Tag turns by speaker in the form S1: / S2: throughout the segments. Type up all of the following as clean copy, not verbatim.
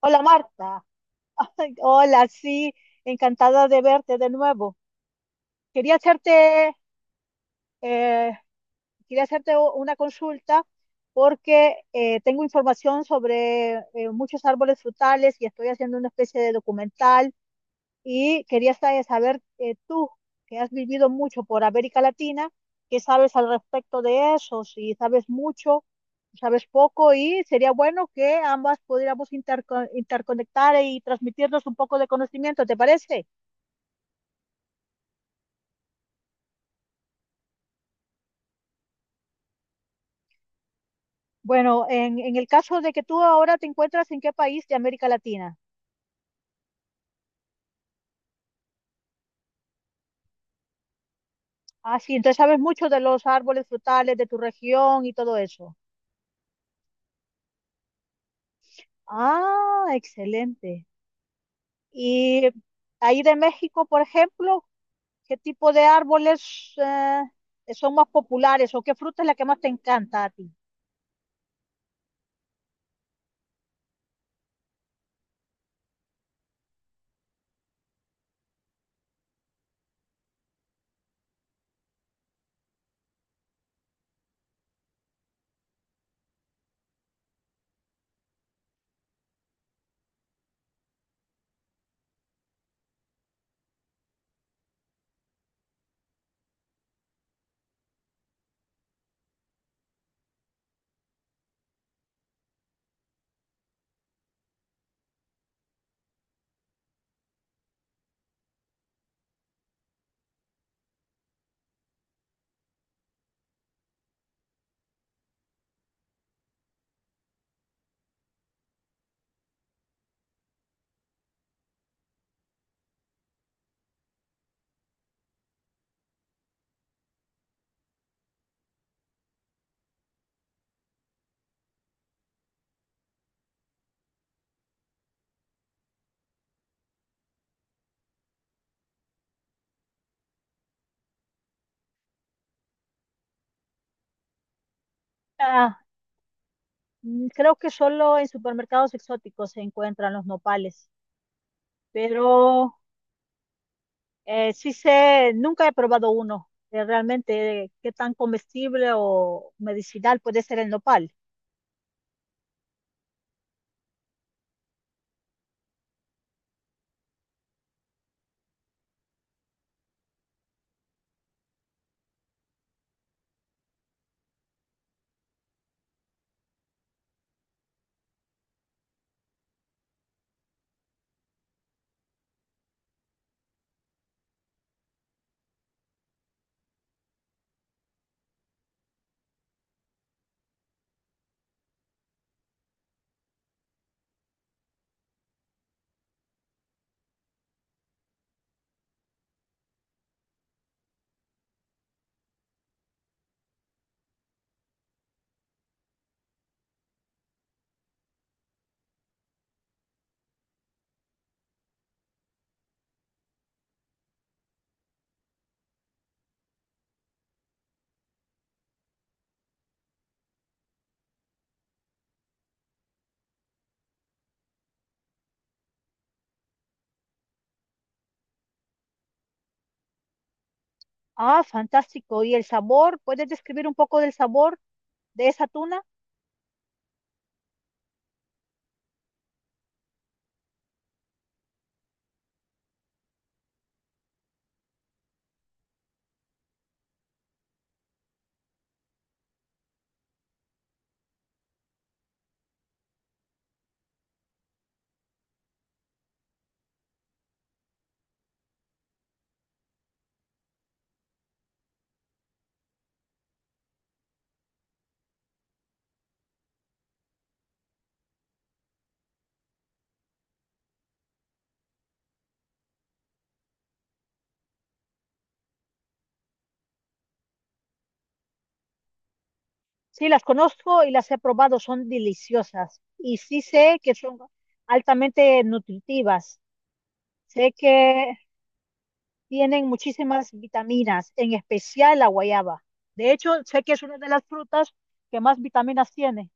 S1: Hola Marta, hola, sí, encantada de verte de nuevo. Quería hacerte eh, quería hacerte una consulta porque tengo información sobre muchos árboles frutales y estoy haciendo una especie de documental y quería saber, tú, que has vivido mucho por América Latina, ¿qué sabes al respecto de eso? Si sabes mucho, sabes poco y sería bueno que ambas pudiéramos interconectar y transmitirnos un poco de conocimiento, ¿te parece? Bueno, en el caso de que tú ahora te encuentras, en qué país de América Latina. Ah, sí, entonces sabes mucho de los árboles frutales de tu región y todo eso. Ah, excelente. Y ahí de México, por ejemplo, ¿qué tipo de árboles son más populares o qué fruta es la que más te encanta a ti? Ah, mm, creo que solo en supermercados exóticos se encuentran los nopales, pero sí sé, nunca he probado uno, de realmente qué tan comestible o medicinal puede ser el nopal. Ah, fantástico. ¿Y el sabor? ¿Puedes describir un poco del sabor de esa tuna? Sí, las conozco y las he probado, son deliciosas. Y sí sé que son altamente nutritivas. Sé que tienen muchísimas vitaminas, en especial la guayaba. De hecho, sé que es una de las frutas que más vitaminas tiene.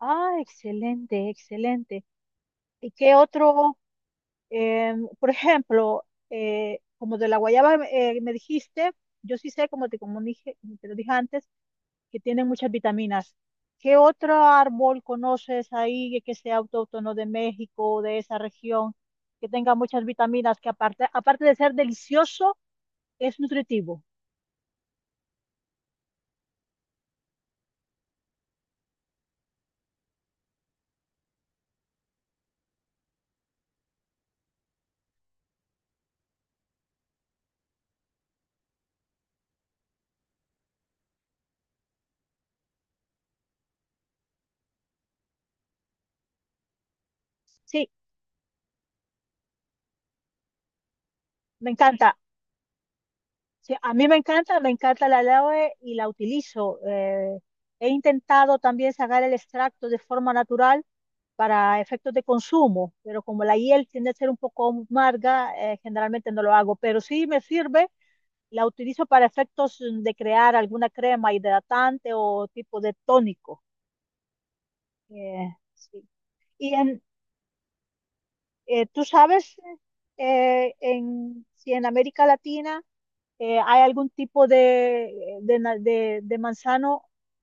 S1: Ah, excelente, excelente. ¿Y qué otro? Por ejemplo, como de la guayaba, me dijiste, yo sí sé, como te, como dije, te lo dije antes, que tienen muchas vitaminas. ¿Qué otro árbol conoces ahí que sea autóctono de México o de esa región, que tenga muchas vitaminas, que aparte, aparte de ser delicioso, es nutritivo? Sí, me encanta. Sí, a mí me encanta la aloe y la utilizo. He intentado también sacar el extracto de forma natural para efectos de consumo, pero como la hiel tiende a ser un poco amarga, generalmente no lo hago, pero sí me sirve, la utilizo para efectos de crear alguna crema hidratante o tipo de tónico. Eh, sí. Y tú sabes, si en América Latina, ¿hay algún tipo de manzano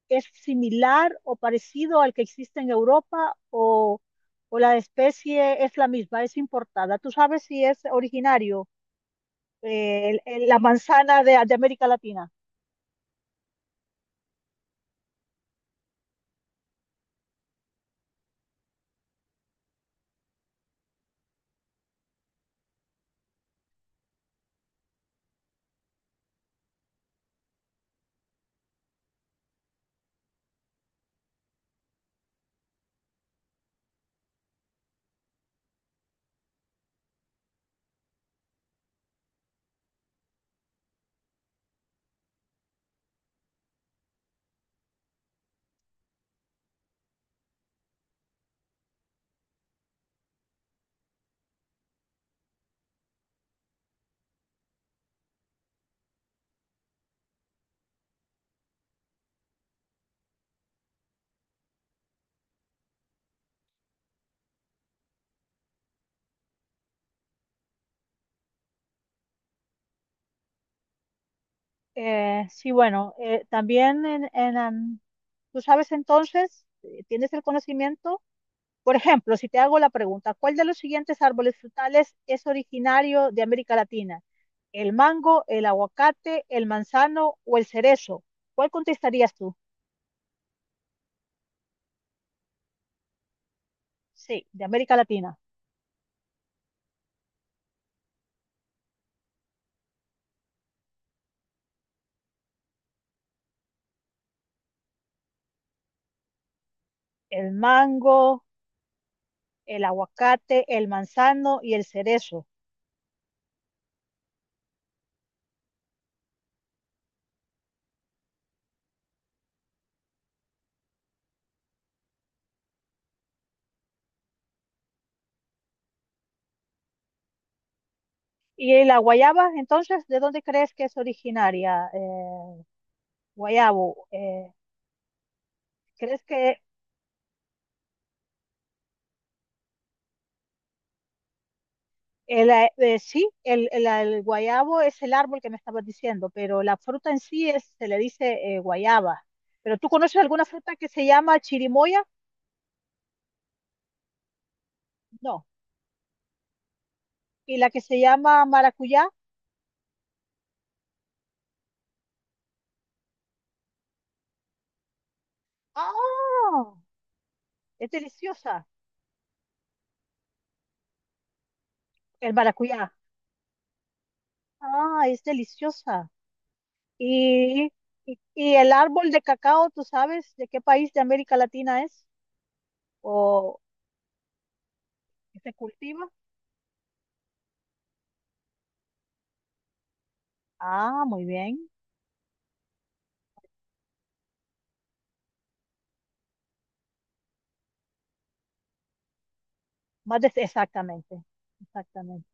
S1: que es similar o parecido al que existe en Europa, o la especie es la misma, es importada? ¿Tú sabes si es originario, la manzana de América Latina? Sí, bueno, también ¿tú sabes entonces, tienes el conocimiento? Por ejemplo, si te hago la pregunta, ¿cuál de los siguientes árboles frutales es originario de América Latina? ¿El mango, el aguacate, el manzano o el cerezo? ¿Cuál contestarías tú? Sí, de América Latina. El mango, el aguacate, el manzano y el cerezo. ¿Y la guayaba, entonces, de dónde crees que es originaria? Guayabo, ¿crees que el, sí, el guayabo es el árbol que me estabas diciendo, pero la fruta en sí es, se le dice guayaba? ¿Pero tú conoces alguna fruta que se llama chirimoya? No. ¿Y la que se llama maracuyá? ¡Ah! Es deliciosa. El maracuyá. Ah, es deliciosa. Y, y el árbol de cacao, ¿tú sabes de qué país de América Latina es? ¿O que se cultiva? Ah, muy bien. Más de, exactamente. Exactamente.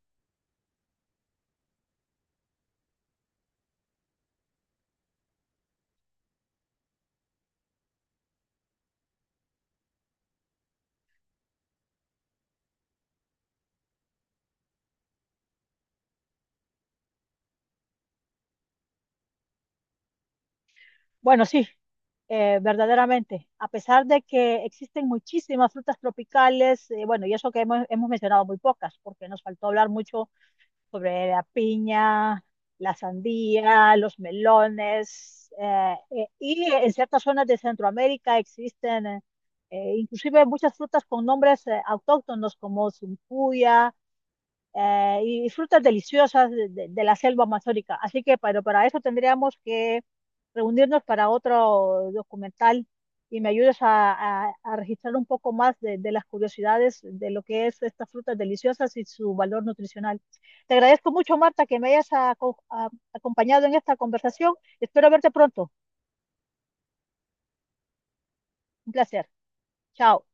S1: Bueno, sí. Verdaderamente, a pesar de que existen muchísimas frutas tropicales, bueno, y eso que hemos mencionado muy pocas, porque nos faltó hablar mucho sobre la piña, la sandía, los melones, y en ciertas zonas de Centroamérica existen, inclusive, muchas frutas con nombres autóctonos como zumpuya, y frutas deliciosas de la selva amazónica. Así que, pero para eso tendríamos que reunirnos para otro documental y me ayudes a registrar un poco más de las curiosidades de lo que es estas frutas deliciosas y su valor nutricional. Te agradezco mucho, Marta, que me hayas acompañado en esta conversación. Espero verte pronto. Un placer. Chao.